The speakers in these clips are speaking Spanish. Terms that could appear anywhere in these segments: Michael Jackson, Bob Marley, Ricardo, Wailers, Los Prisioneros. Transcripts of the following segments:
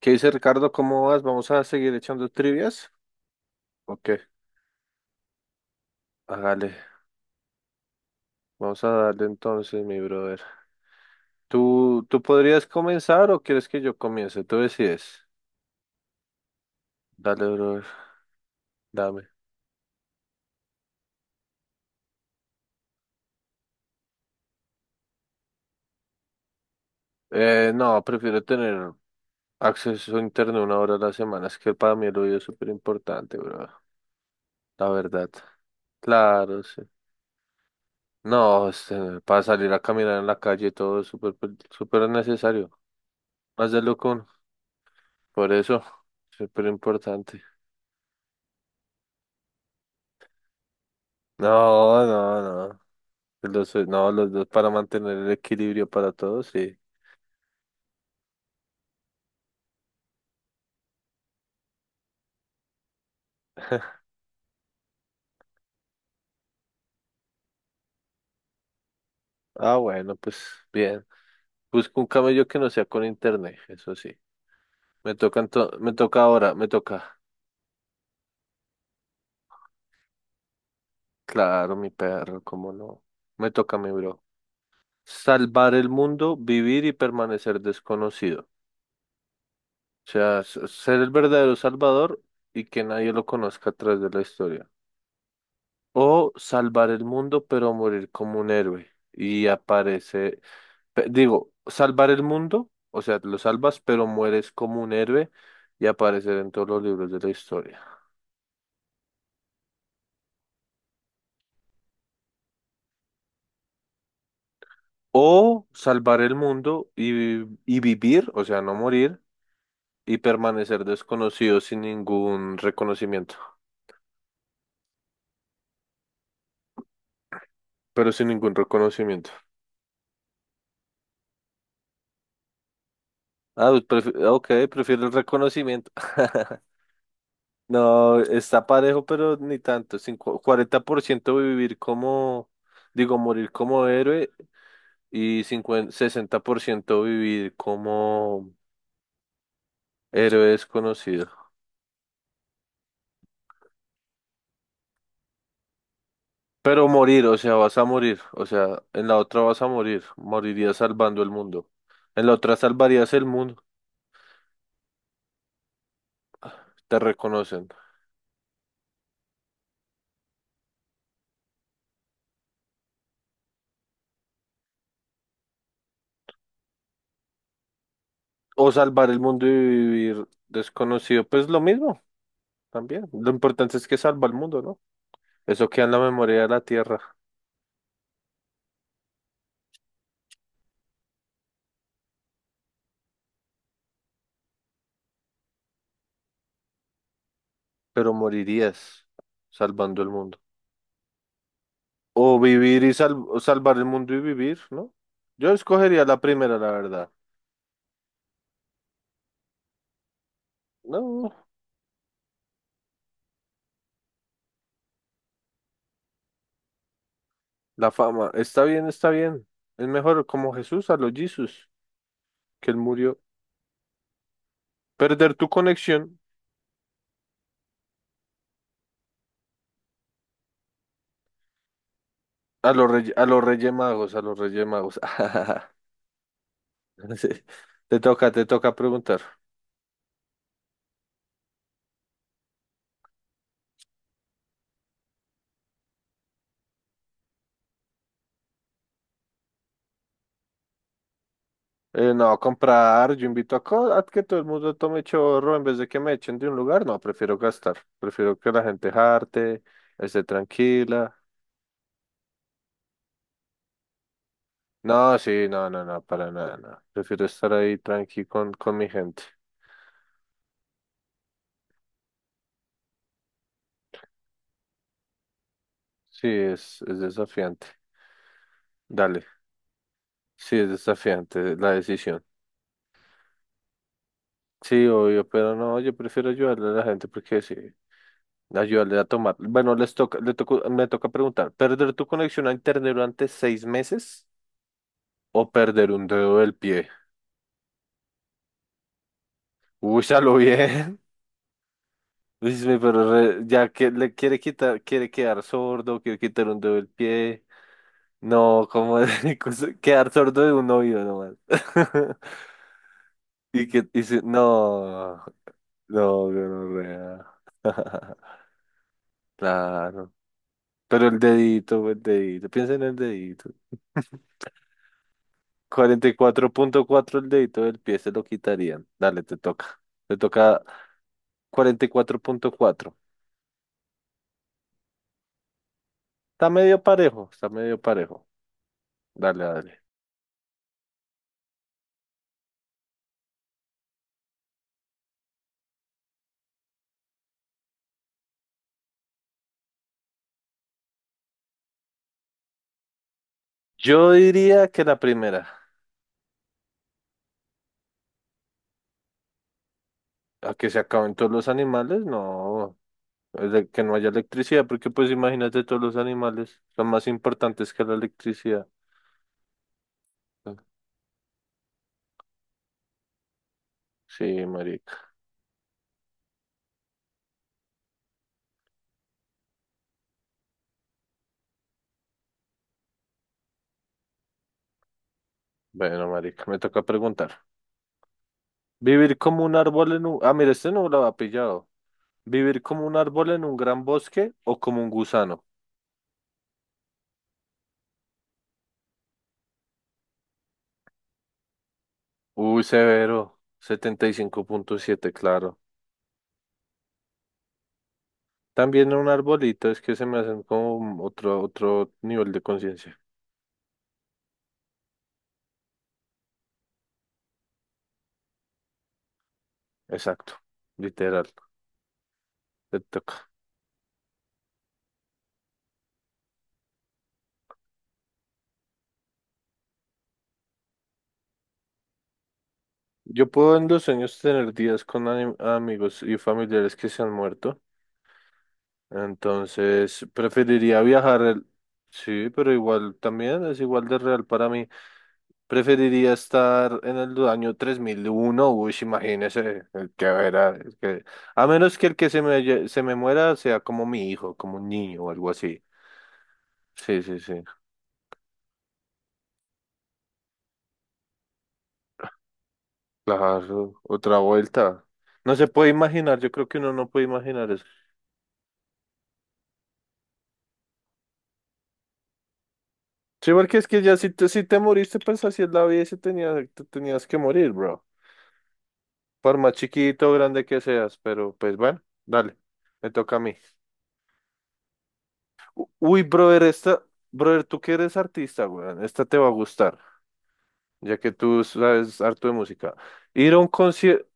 ¿Qué dice Ricardo? ¿Cómo vas? ¿Vamos a seguir echando trivias? Ok, hágale. Vamos a darle entonces, mi brother. ¿Tú podrías comenzar o quieres que yo comience? Tú decides. Dale, brother. Dame. No, prefiero tener acceso a internet 1 hora a la semana. Es que para mí el oído es súper importante, brother. La verdad. Claro, sí. No, para salir a caminar en la calle todo es súper, súper necesario. Más de lo que uno. Por eso, súper importante. No, no, no. No, los dos para mantener el equilibrio para todos, sí. Ah, bueno, pues bien. Busco un camello que no sea con internet, eso sí. Me toca ahora, me toca. Claro, mi perro, cómo no. Me toca mi bro. Salvar el mundo, vivir y permanecer desconocido. O sea, ser el verdadero salvador y que nadie lo conozca a través de la historia. O salvar el mundo, pero morir como un héroe. Digo, salvar el mundo, o sea, lo salvas, pero mueres como un héroe y aparecer en todos los libros de la historia. O salvar el mundo y vivir, o sea, no morir, y permanecer desconocido sin ningún reconocimiento. Pero sin ningún reconocimiento. Ah, pues ok, prefiero el reconocimiento. No, está parejo, pero ni tanto, 40% vivir como, digo, morir como héroe y 50%, 60% vivir como héroe desconocido. Pero morir, o sea, vas a morir. O sea, en la otra vas a morir. Morirías salvando el mundo. En la otra salvarías el mundo. Te reconocen. O salvar el mundo y vivir desconocido, pues lo mismo también. Lo importante es que salva el mundo, ¿no? Eso queda en la memoria de la tierra. Pero morirías salvando el mundo. O vivir y o salvar el mundo y vivir, ¿no? Yo escogería la primera, la verdad. No. La fama, está bien, está bien. Es mejor como Jesús a los Jesús, que él murió. Perder tu conexión a los Reyes Magos, a los Reyes Magos. Sí. Te toca preguntar. No, comprar, yo invito a que todo el mundo tome chorro en vez de que me echen de un lugar. No, prefiero gastar. Prefiero que la gente jarte, esté tranquila. No, sí, no, no, no, para nada, no. Prefiero estar ahí tranqui con mi gente. Sí, es desafiante. Dale. Sí, es desafiante la decisión. Sí, obvio, pero no, yo prefiero ayudarle a la gente porque sí, ayudarle a tomar. Bueno, les toca, le toco- me toca preguntar, ¿perder tu conexión a internet durante 6 meses o perder un dedo del pie? Uy, ya lo bien. Dice, pero ya que le quiere quitar, quiere quedar sordo, quiere quitar un dedo del pie. No, como quedar sordo de un oído nomás. Y que, y si- no, no, no, no. Claro. Pero el dedito, el dedito. Piensa en el dedito. 44,4 el dedito del pie se lo quitarían. Dale, te toca. Te toca 44,4. Está medio parejo, está medio parejo. Dale, dale. Yo diría que la primera, a que se acaben todos los animales, no, es de que no haya electricidad, porque pues imagínate todos los animales son más importantes que la electricidad. Sí, marica. Bueno, marica, me toca preguntar. Vivir como un árbol en un... Ah, mira, este no lo ha pillado. Vivir como un árbol en un gran bosque o como un gusano. Uy, severo. 75,7 claro. También un arbolito, es que se me hacen como otro, otro nivel de conciencia. Exacto. Literal. Te toca. Yo puedo en los sueños tener días con amigos y familiares que se han muerto. Entonces, preferiría viajar el... Sí, pero igual también es igual de real para mí. Preferiría estar en el año 3001, uy, sí, imagínese, el que era, a menos que el que se me muera sea como mi hijo, como un niño o algo así. Sí, sí, sí, claro, otra vuelta. No se puede imaginar, yo creo que uno no puede imaginar eso. Sí, porque es que ya si te moriste, pues así es la vida y se tenía, te tenías que morir, bro. Por más chiquito o grande que seas, pero pues bueno, dale, me toca a mí. Uy, brother, esta, brother, tú que eres artista, weón, esta te va a gustar. Ya que tú sabes harto de música. Ir a un concierto,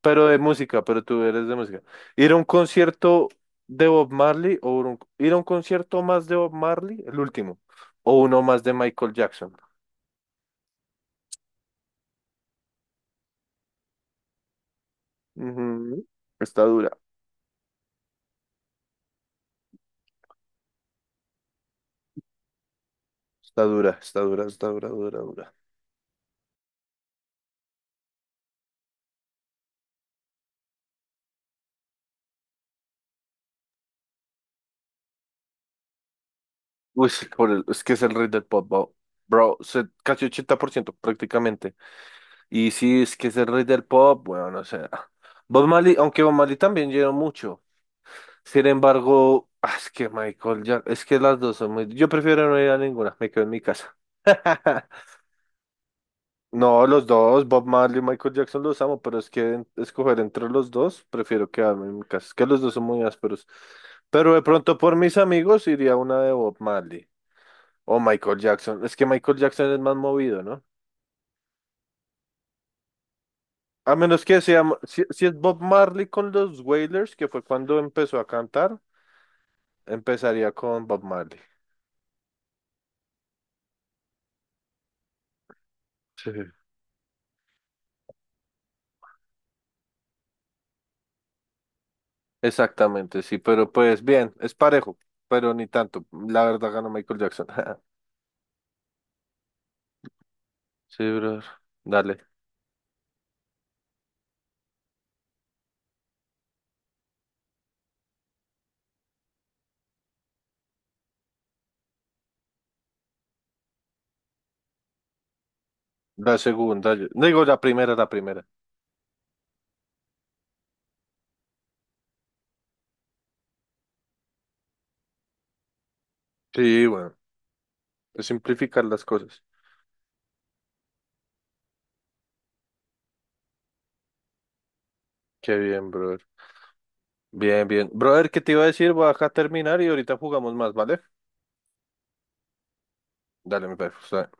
pero de música, pero tú eres de música. Ir a un concierto de Bob Marley o ir a un concierto más de Bob Marley, el último, o uno más de Michael Jackson. Ujú. Está dura, está dura, está dura, está dura, dura, dura. Uy, sí, es que es el rey del pop, bro. Bro, casi 80% prácticamente. Y sí, es que es el rey del pop, bueno, no sé. Bob Marley, aunque Bob Marley también llenó mucho. Sin embargo, ah, es que Michael ya, es que las dos son muy... Yo prefiero no ir a ninguna, me quedo en mi casa. No, los dos, Bob Marley y Michael Jackson los amo, pero es que escoger entre los dos, prefiero quedarme en mi casa. Es que los dos son muy ásperos. Pero de pronto por mis amigos iría a una de Bob Marley. O Michael Jackson. Es que Michael Jackson es más movido, ¿no? A menos que sea, si es Bob Marley con los Wailers, que fue cuando empezó a cantar, empezaría con Bob Marley. Sí. Exactamente, sí, pero pues bien, es parejo, pero ni tanto. La verdad ganó Michael Jackson. Sí, brother. Dale. La segunda, digo la primera, la primera. Sí, bueno, es simplificar las cosas. Qué bien, brother. Bien, bien. Brother, ¿qué te iba a decir? Voy acá a terminar y ahorita jugamos más, ¿vale? Dale, mi perro. Está bien.